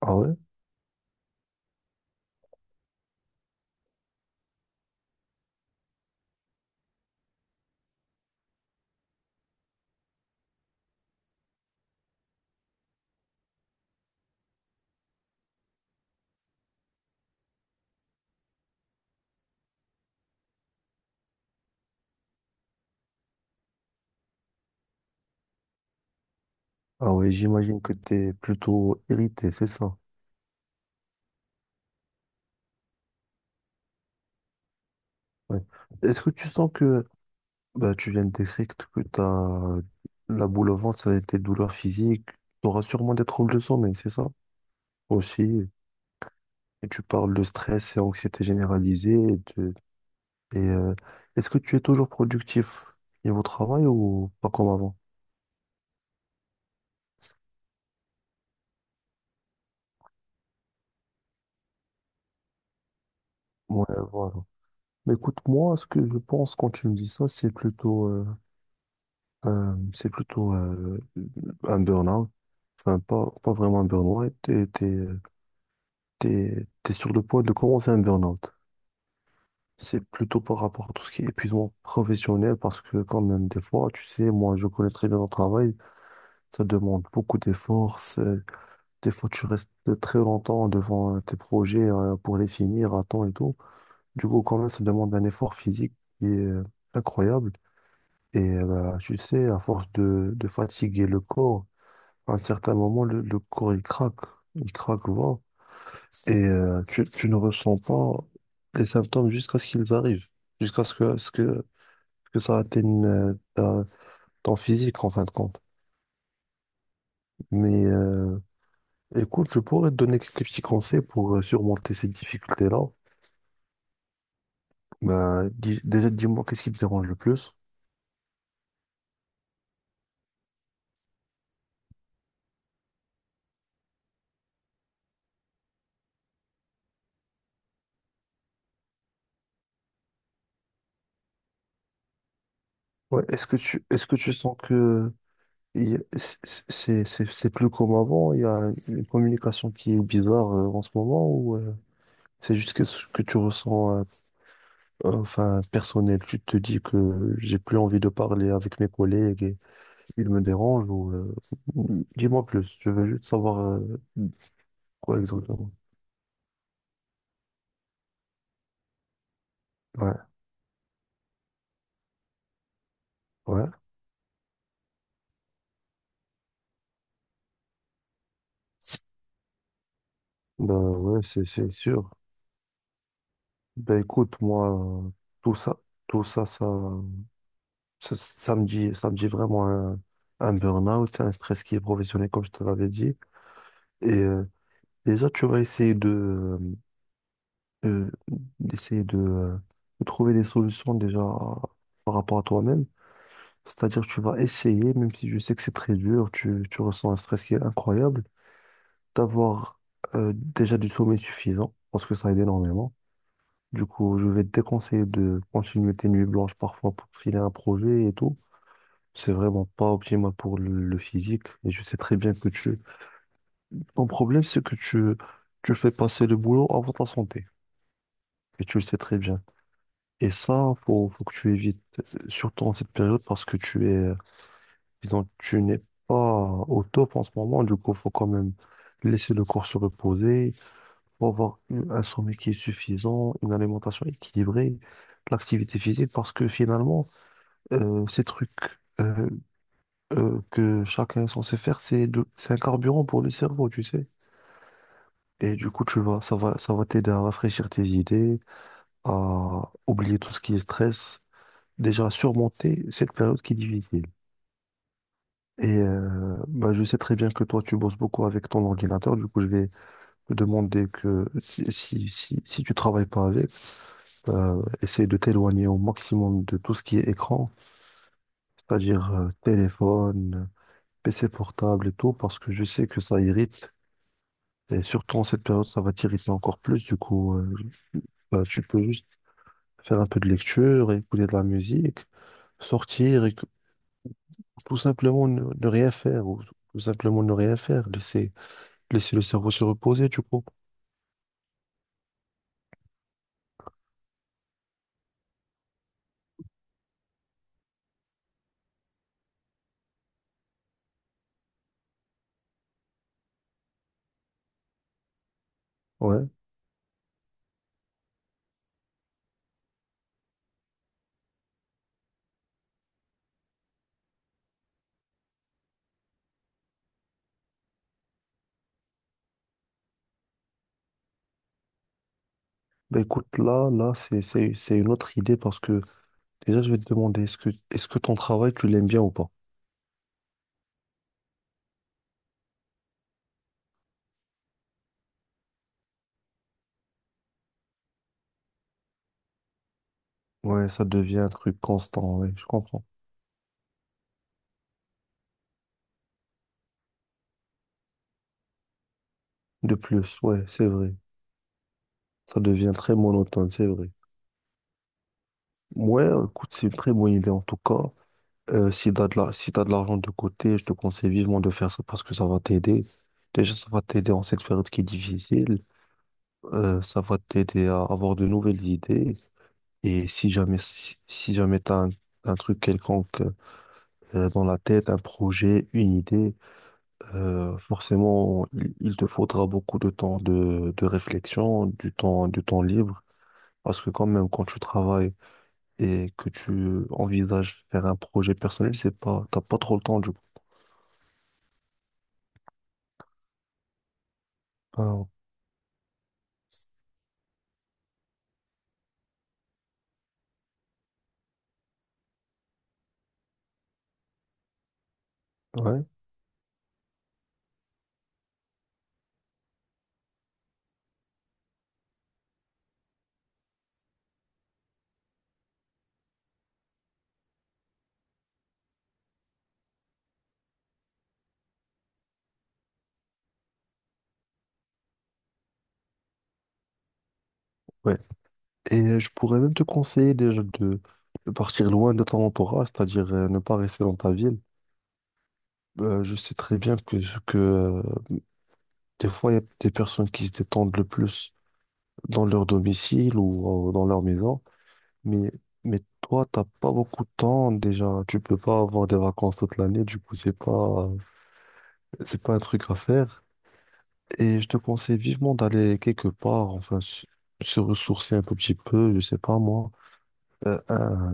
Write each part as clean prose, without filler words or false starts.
Ah ouais? Ah ouais, j'imagine que tu es plutôt irrité, c'est ça. Ouais. Est-ce que tu sens que tu viens de décrire que t'as la boule au ventre, ça a été douleur physique, tu auras sûrement des troubles de sommeil, c'est ça? Aussi, et tu parles de stress et anxiété généralisée. Et, euh, est-ce que tu es toujours productif niveau travail ou pas comme avant? Ouais, voilà. Mais écoute, moi, ce que je pense quand tu me dis ça, c'est plutôt un burn-out. Enfin, pas, pas vraiment un burn-out. Ouais, t'es sur le point de commencer un burn-out. C'est plutôt par rapport à tout ce qui est épuisement professionnel parce que quand même, des fois, tu sais, moi, je connais très bien mon travail. Ça demande beaucoup d'efforts. Des fois, tu restes très longtemps devant tes projets pour les finir à temps et tout. Du coup, quand même, ça demande un effort physique qui est incroyable. Et bah, tu sais, à force de fatiguer le corps, à un certain moment, le corps, il craque. Il craque, voilà. Et tu ne ressens pas les symptômes jusqu'à ce qu'ils arrivent. Jusqu'à ce que ça atteigne ton physique, en fin de compte. Mais écoute, je pourrais te donner quelques petits conseils pour surmonter ces difficultés-là. Ben, déjà, dis-moi, qu'est-ce qui te dérange le plus? Ouais, est-ce que tu sens que il y a- c- c- c'est plus comme avant? Il y a une communication qui est bizarre en ce moment ou... C'est juste que ce que tu ressens, enfin, personnel. Tu te dis que j'ai plus envie de parler avec mes collègues et ils me dérangent ou, dis-moi plus. Je veux juste savoir, quoi exactement. Ouais, ouais. Bah ouais, c'est sûr. Bah écoute, moi, tout ça, tout ça, ça, ça, ça me dit vraiment un burn-out, c'est un stress qui est professionnel, comme je te l'avais dit. Et déjà, tu vas essayer euh, d'essayer de trouver des solutions déjà par rapport à toi-même. C'est-à-dire, tu vas essayer, même si je sais que c'est très dur, tu ressens un stress qui est incroyable, d'avoir déjà du sommeil suffisant, parce que ça aide énormément. Du coup, je vais te déconseiller de continuer tes nuits blanches parfois pour filer un projet et tout. C'est vraiment pas optimal pour le physique. Et je sais très bien que tu... Ton problème, c'est que tu fais passer le boulot avant ta santé. Et tu le sais très bien. Et ça, faut que tu évites, surtout en cette période, parce que tu es, disons, tu n'es pas au top en ce moment. Du coup, faut quand même laisser le corps se reposer, un sommeil qui est suffisant, une alimentation équilibrée, l'activité physique, parce que finalement, ces trucs euh, que chacun est censé faire, c'est un carburant pour le cerveau, tu sais. Et du coup, tu vas, ça va t'aider à rafraîchir tes idées, à oublier tout ce qui est stress. Déjà surmonter cette période qui est difficile. Et bah, je sais très bien que toi, tu bosses beaucoup avec ton ordinateur. Du coup, je vais te demander que si tu travailles pas avec, essaye de t'éloigner au maximum de tout ce qui est écran, c'est-à-dire téléphone, PC portable et tout, parce que je sais que ça irrite. Et surtout en cette période, ça va t'irriter encore plus. Du coup, bah, tu peux juste faire un peu de lecture, écouter de la musique, sortir, tout simplement ne rien faire, ou tout simplement ne rien faire, laisser, laisser le cerveau se reposer, tu coup. Ouais. Bah écoute, c'est une autre idée parce que déjà, je vais te demander, est-ce que ton travail, tu l'aimes bien ou pas? Ouais, ça devient un truc constant, ouais, je comprends. De plus, ouais, c'est vrai. Ça devient très monotone, c'est vrai. Ouais, écoute, c'est une très bonne idée en tout cas. Si t'as de l'argent de côté, je te conseille vivement de faire ça parce que ça va t'aider. Déjà, ça va t'aider en cette période qui est difficile. Ça va t'aider à avoir de nouvelles idées. Et si jamais t'as un truc quelconque dans la tête, un projet, une idée, forcément, il te faudra beaucoup de temps de réflexion, du temps libre. Parce que quand même, quand tu travailles et que tu envisages faire un projet personnel, c'est pas, t'as pas trop le temps du coup. Ah, ouais, ouais. Et je pourrais même te conseiller déjà de partir loin de ton entourage, c'est-à-dire ne pas rester dans ta ville. Je sais très bien que des fois, il y a des personnes qui se détendent le plus dans leur domicile ou dans leur maison, mais, mais toi, t'as pas beaucoup de temps déjà. Tu peux pas avoir des vacances toute l'année, du coup, c'est pas un truc à faire. Et je te conseille vivement d'aller quelque part, enfin, se ressourcer un tout petit peu, je sais pas moi, euh, un-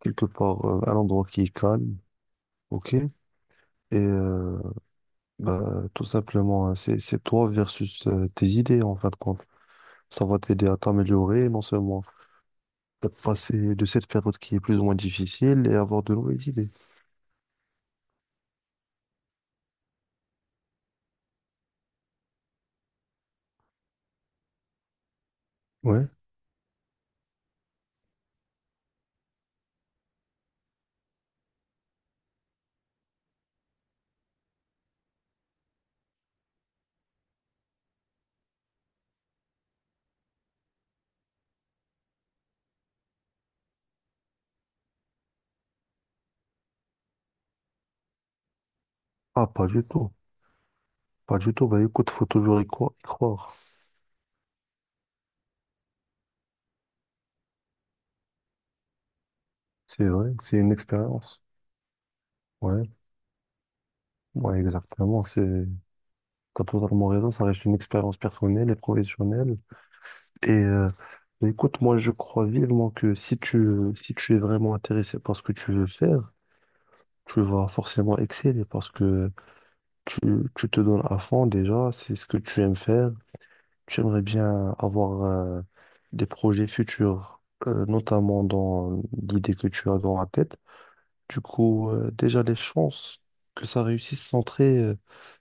quelque part, un endroit qui est calme, ok? Et euh, bah, tout simplement, hein, c'est toi versus tes idées, en fin de compte. Ça va t'aider à t'améliorer, non seulement à passer de cette période qui est plus ou moins difficile et avoir de nouvelles idées. Ouais, ah, pas du tout. Pas du tout. Bah écoute, faut toujours y croire. Y croire. C'est vrai, que c'est une expérience. Ouais, ouais, exactement. C'est T'as totalement raison, ça reste une expérience personnelle et professionnelle. Et écoute, moi je crois vivement que si tu es vraiment intéressé par ce que tu veux faire, tu vas forcément exceller parce que tu, tu te donnes à fond déjà, c'est ce que tu aimes faire. Tu aimerais bien avoir des projets futurs, notamment dans l'idée que tu as dans la tête. Du coup, déjà les chances que ça réussisse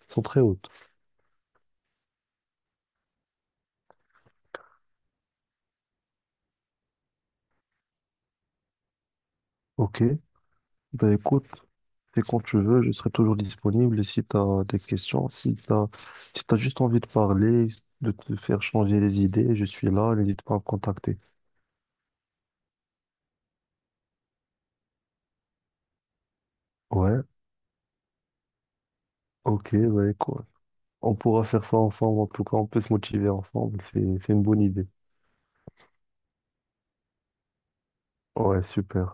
sont très hautes. Ok. Ben écoute, et quand tu veux, je serai toujours disponible. Et si tu as des questions, si tu as, si t'as juste envie de parler, de te faire changer les idées, je suis là, n'hésite pas à me contacter. Ouais, ok, ouais, quoi. On pourra faire ça ensemble, en tout cas, on peut se motiver ensemble, c'est une bonne idée. Ouais, super.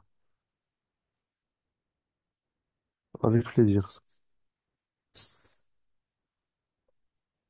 Avec plaisir.